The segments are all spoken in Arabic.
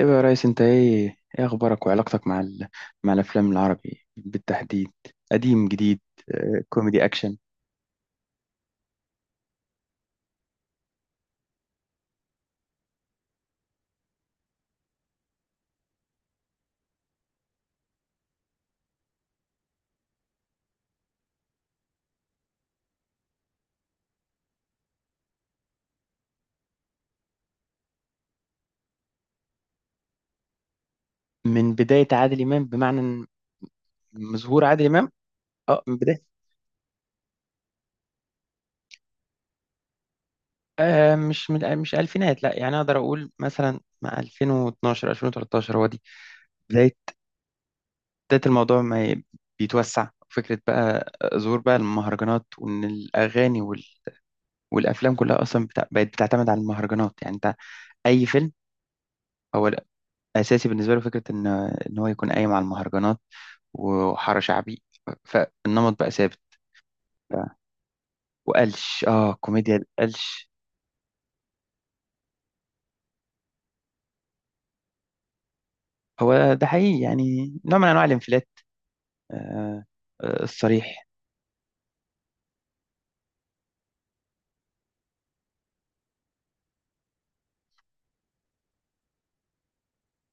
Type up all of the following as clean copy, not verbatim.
ايه بقى يا ريس، انت ايه اخبارك وعلاقتك مع الافلام العربي بالتحديد؟ قديم جديد. آه، كوميدي اكشن. من بداية عادل إمام بمعنى إن من ظهور عادل إمام. اه، من بداية. آه، مش ألفينات، لا. يعني أقدر أقول مثلا مع 2012 2013 هو دي بداية بداية الموضوع ما ي- بيتوسع فكرة بقى. ظهور بقى المهرجانات، وإن الأغاني والأفلام كلها أصلا بقت بتعتمد على المهرجانات. يعني أنت أي فيلم هو اساسي بالنسبه له فكره ان هو يكون قايم على المهرجانات وحاره شعبي. فالنمط بقى ثابت وقلش، كوميديا القلش. هو ده حقيقي، يعني نوع من انواع الانفلات. آه، آه، الصريح.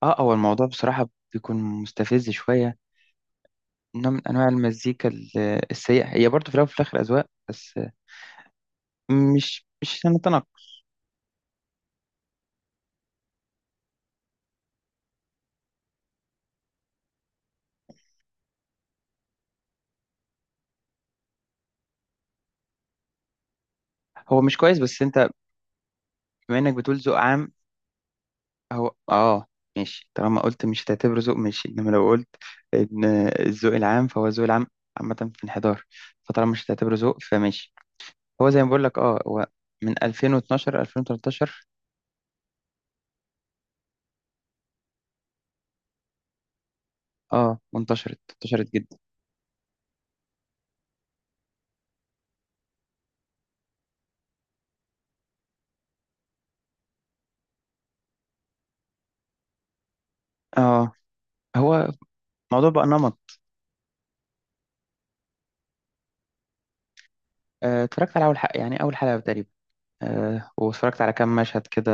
اه، هو الموضوع بصراحه بيكون مستفز شويه. نوع من انواع المزيكا السيئه، هي برضه في الاول وفي الاخر اذواق بس. مش هنتناقض. هو مش كويس، بس انت بما انك بتقول ذوق عام. هو اه، ماشي، طالما قلت مش هتعتبره ذوق ماشي، انما لو قلت ان الذوق العام، فهو الذوق العام عامة في انحدار. فطالما مش هتعتبره ذوق فماشي. هو زي ما بقول لك، اه هو من 2012 2013. اه، وانتشرت، انتشرت جدا. اه، هو الموضوع بقى نمط. آه، اتفرجت على اول حلقة، يعني اول حلقة تقريبا. آه، واتفرجت على كام مشهد كده.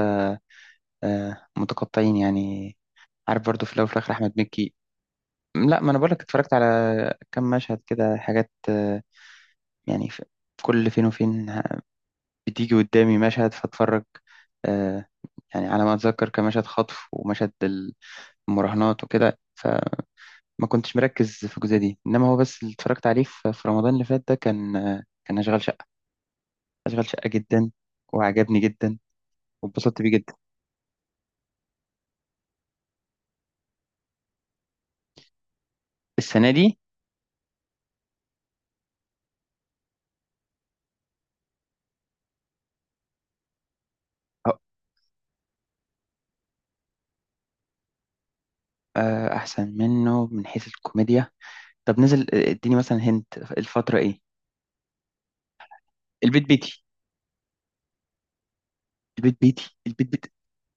آه، متقطعين يعني. عارف، برضو في الاول وفي الاخر احمد مكي. لا، ما انا بقول لك، اتفرجت على كام مشهد كده، حاجات آه، يعني في كل فين وفين. بتيجي قدامي مشهد فاتفرج. آه، يعني على ما أتذكر كان مشهد خطف ومشهد المراهنات وكده، فما كنتش مركز في الجزئية دي. إنما هو بس اللي اتفرجت عليه في رمضان اللي فات ده كان، آه، كان أشغال شقة. أشغال شقة جدا، وعجبني جدا واتبسطت بيه جدا. السنة دي. أه، آه، أحسن منه من حيث الكوميديا. طب نزل، آه، اديني مثلا. هنت الفترة إيه؟ البيت بيتي، البيت بيتي، البيت بيتي.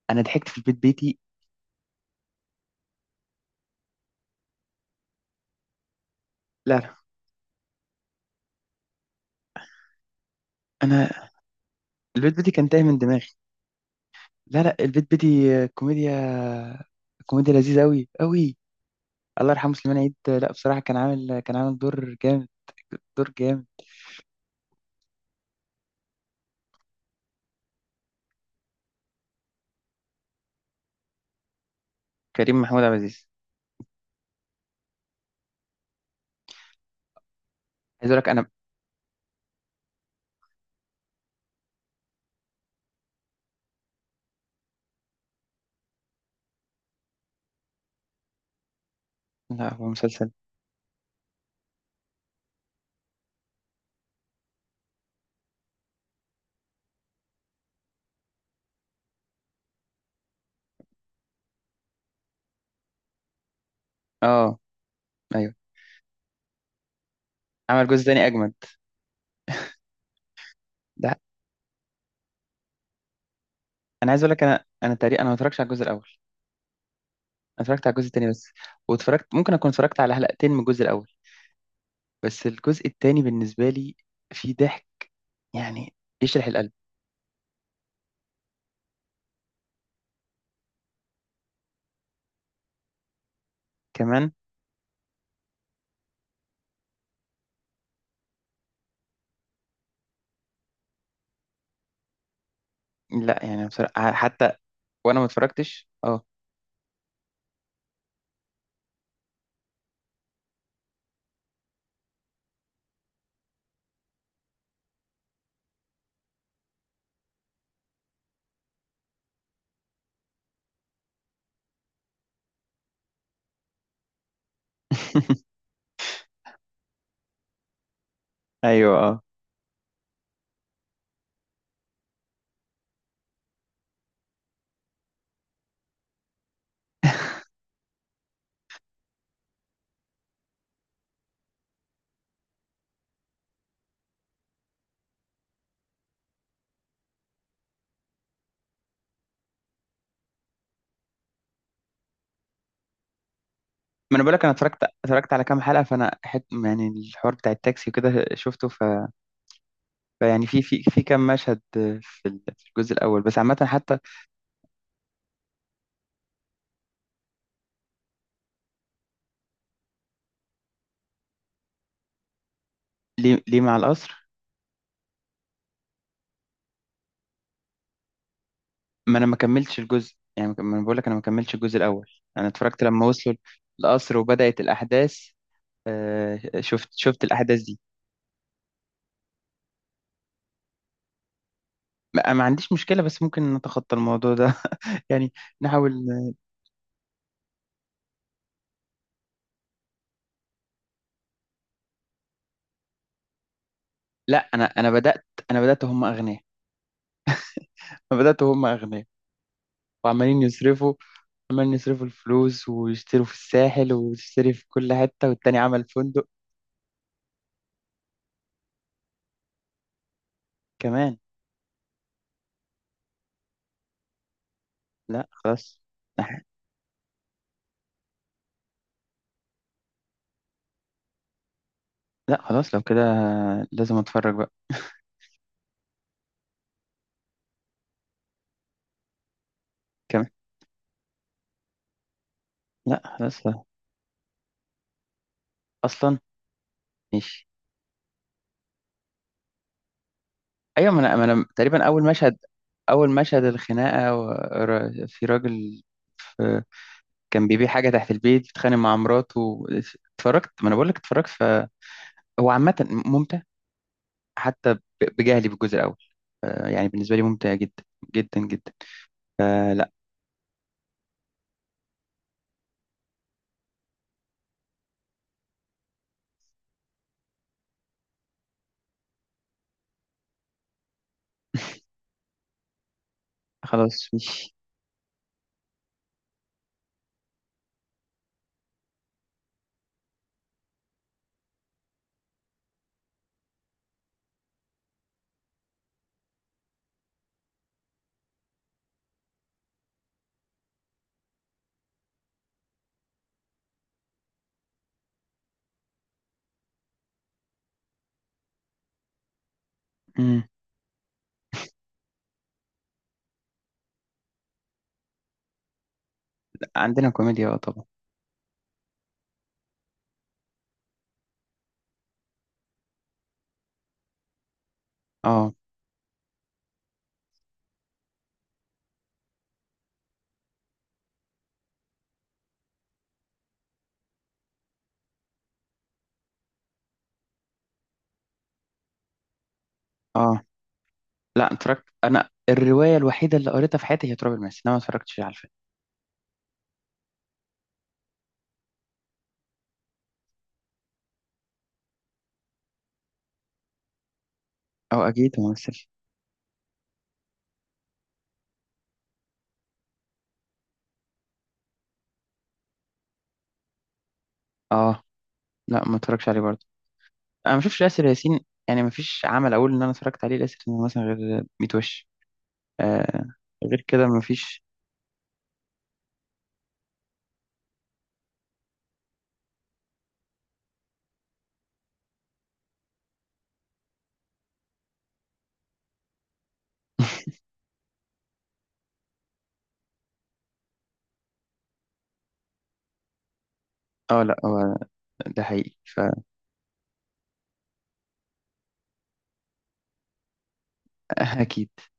أنا ضحكت في البيت بيتي. لا لا، أنا البيت بيتي كان تايه من دماغي. لا لا، البيت بيتي آه، كوميديا لذيذة أوي أوي. الله يرحمه سليمان عيد، آه، لا بصراحة، كان عامل دور جامد. دور جامد. كريم محمود عبد العزيز. عايز أقول لك أنا. لا هو مسلسل. أه. أيوه. عمل جزء تاني أجمد. ده، أنا عايز أقول لك، أنا تقريبا أنا ما اتفرجتش على الجزء الأول. أنا اتفرجت على الجزء التاني بس. واتفرجت، ممكن أكون اتفرجت على حلقتين من الجزء الأول. بس الجزء التاني بالنسبة لي فيه ضحك، يعني يشرح القلب. كمان. لا يعني بصراحة حتى، وأنا ما اتفرجتش. ايوه، اه. ما انا بقول لك، انا اتفرجت على كام حلقه. فانا حت، يعني الحوار بتاع التاكسي وكده شفته. فيعني في كام مشهد في الجزء الاول، بس عامه حتى. ليه، ليه مع القصر؟ ما انا ما كملتش الجزء، يعني ما انا بقول لك، انا ما كملتش الجزء الاول. انا اتفرجت لما وصلوا القصر وبدات الاحداث. آه، شفت الاحداث دي. ما عنديش مشكله، بس ممكن نتخطى الموضوع ده يعني. نحاول. لا، انا بدات. انا بدات هم اغنياء. انا بدات هم اغنياء، وعمالين يصرفوا. عمال يصرفوا الفلوس ويشتروا في الساحل، وتشتري في كل حتة، والتاني عمل فندق. كمان. لا خلاص. نح- لا خلاص، لو كده لازم اتفرج بقى. كمان. لا خلاص. لا. اصلا. ماشي. ايوه، ما انا، ما انا تقريبا اول مشهد، اول مشهد الخناقة، في راجل، في، كان بيبيع حاجة تحت البيت، بيتخانق مع مراته. اتفرجت، ما انا بقول لك اتفرجت. فهو عامة ممتع، حتى بجهلي بالجزء الاول. آه، يعني بالنسبة لي ممتع جدا، جدا جدا. آه. لا خلاص. امم. عندنا كوميديا، اه طبعا. اه. اه لا، اتفرجت. انا الروايه الوحيده اللي قريتها في حياتي هي تراب الماس، انا ما اتفرجتش على الفيلم. او اكيد ممثل. اه لا، ما اتفرجش عليه برضه. انا ما شفتش ياسر ياسين. يعني ما فيش عمل اقول ان انا اتفرجت عليه لاسر ياسين مثلا، غير 100 وش. آه. غير كده ما فيش. اه لا، هو ده حقيقي. فاكيد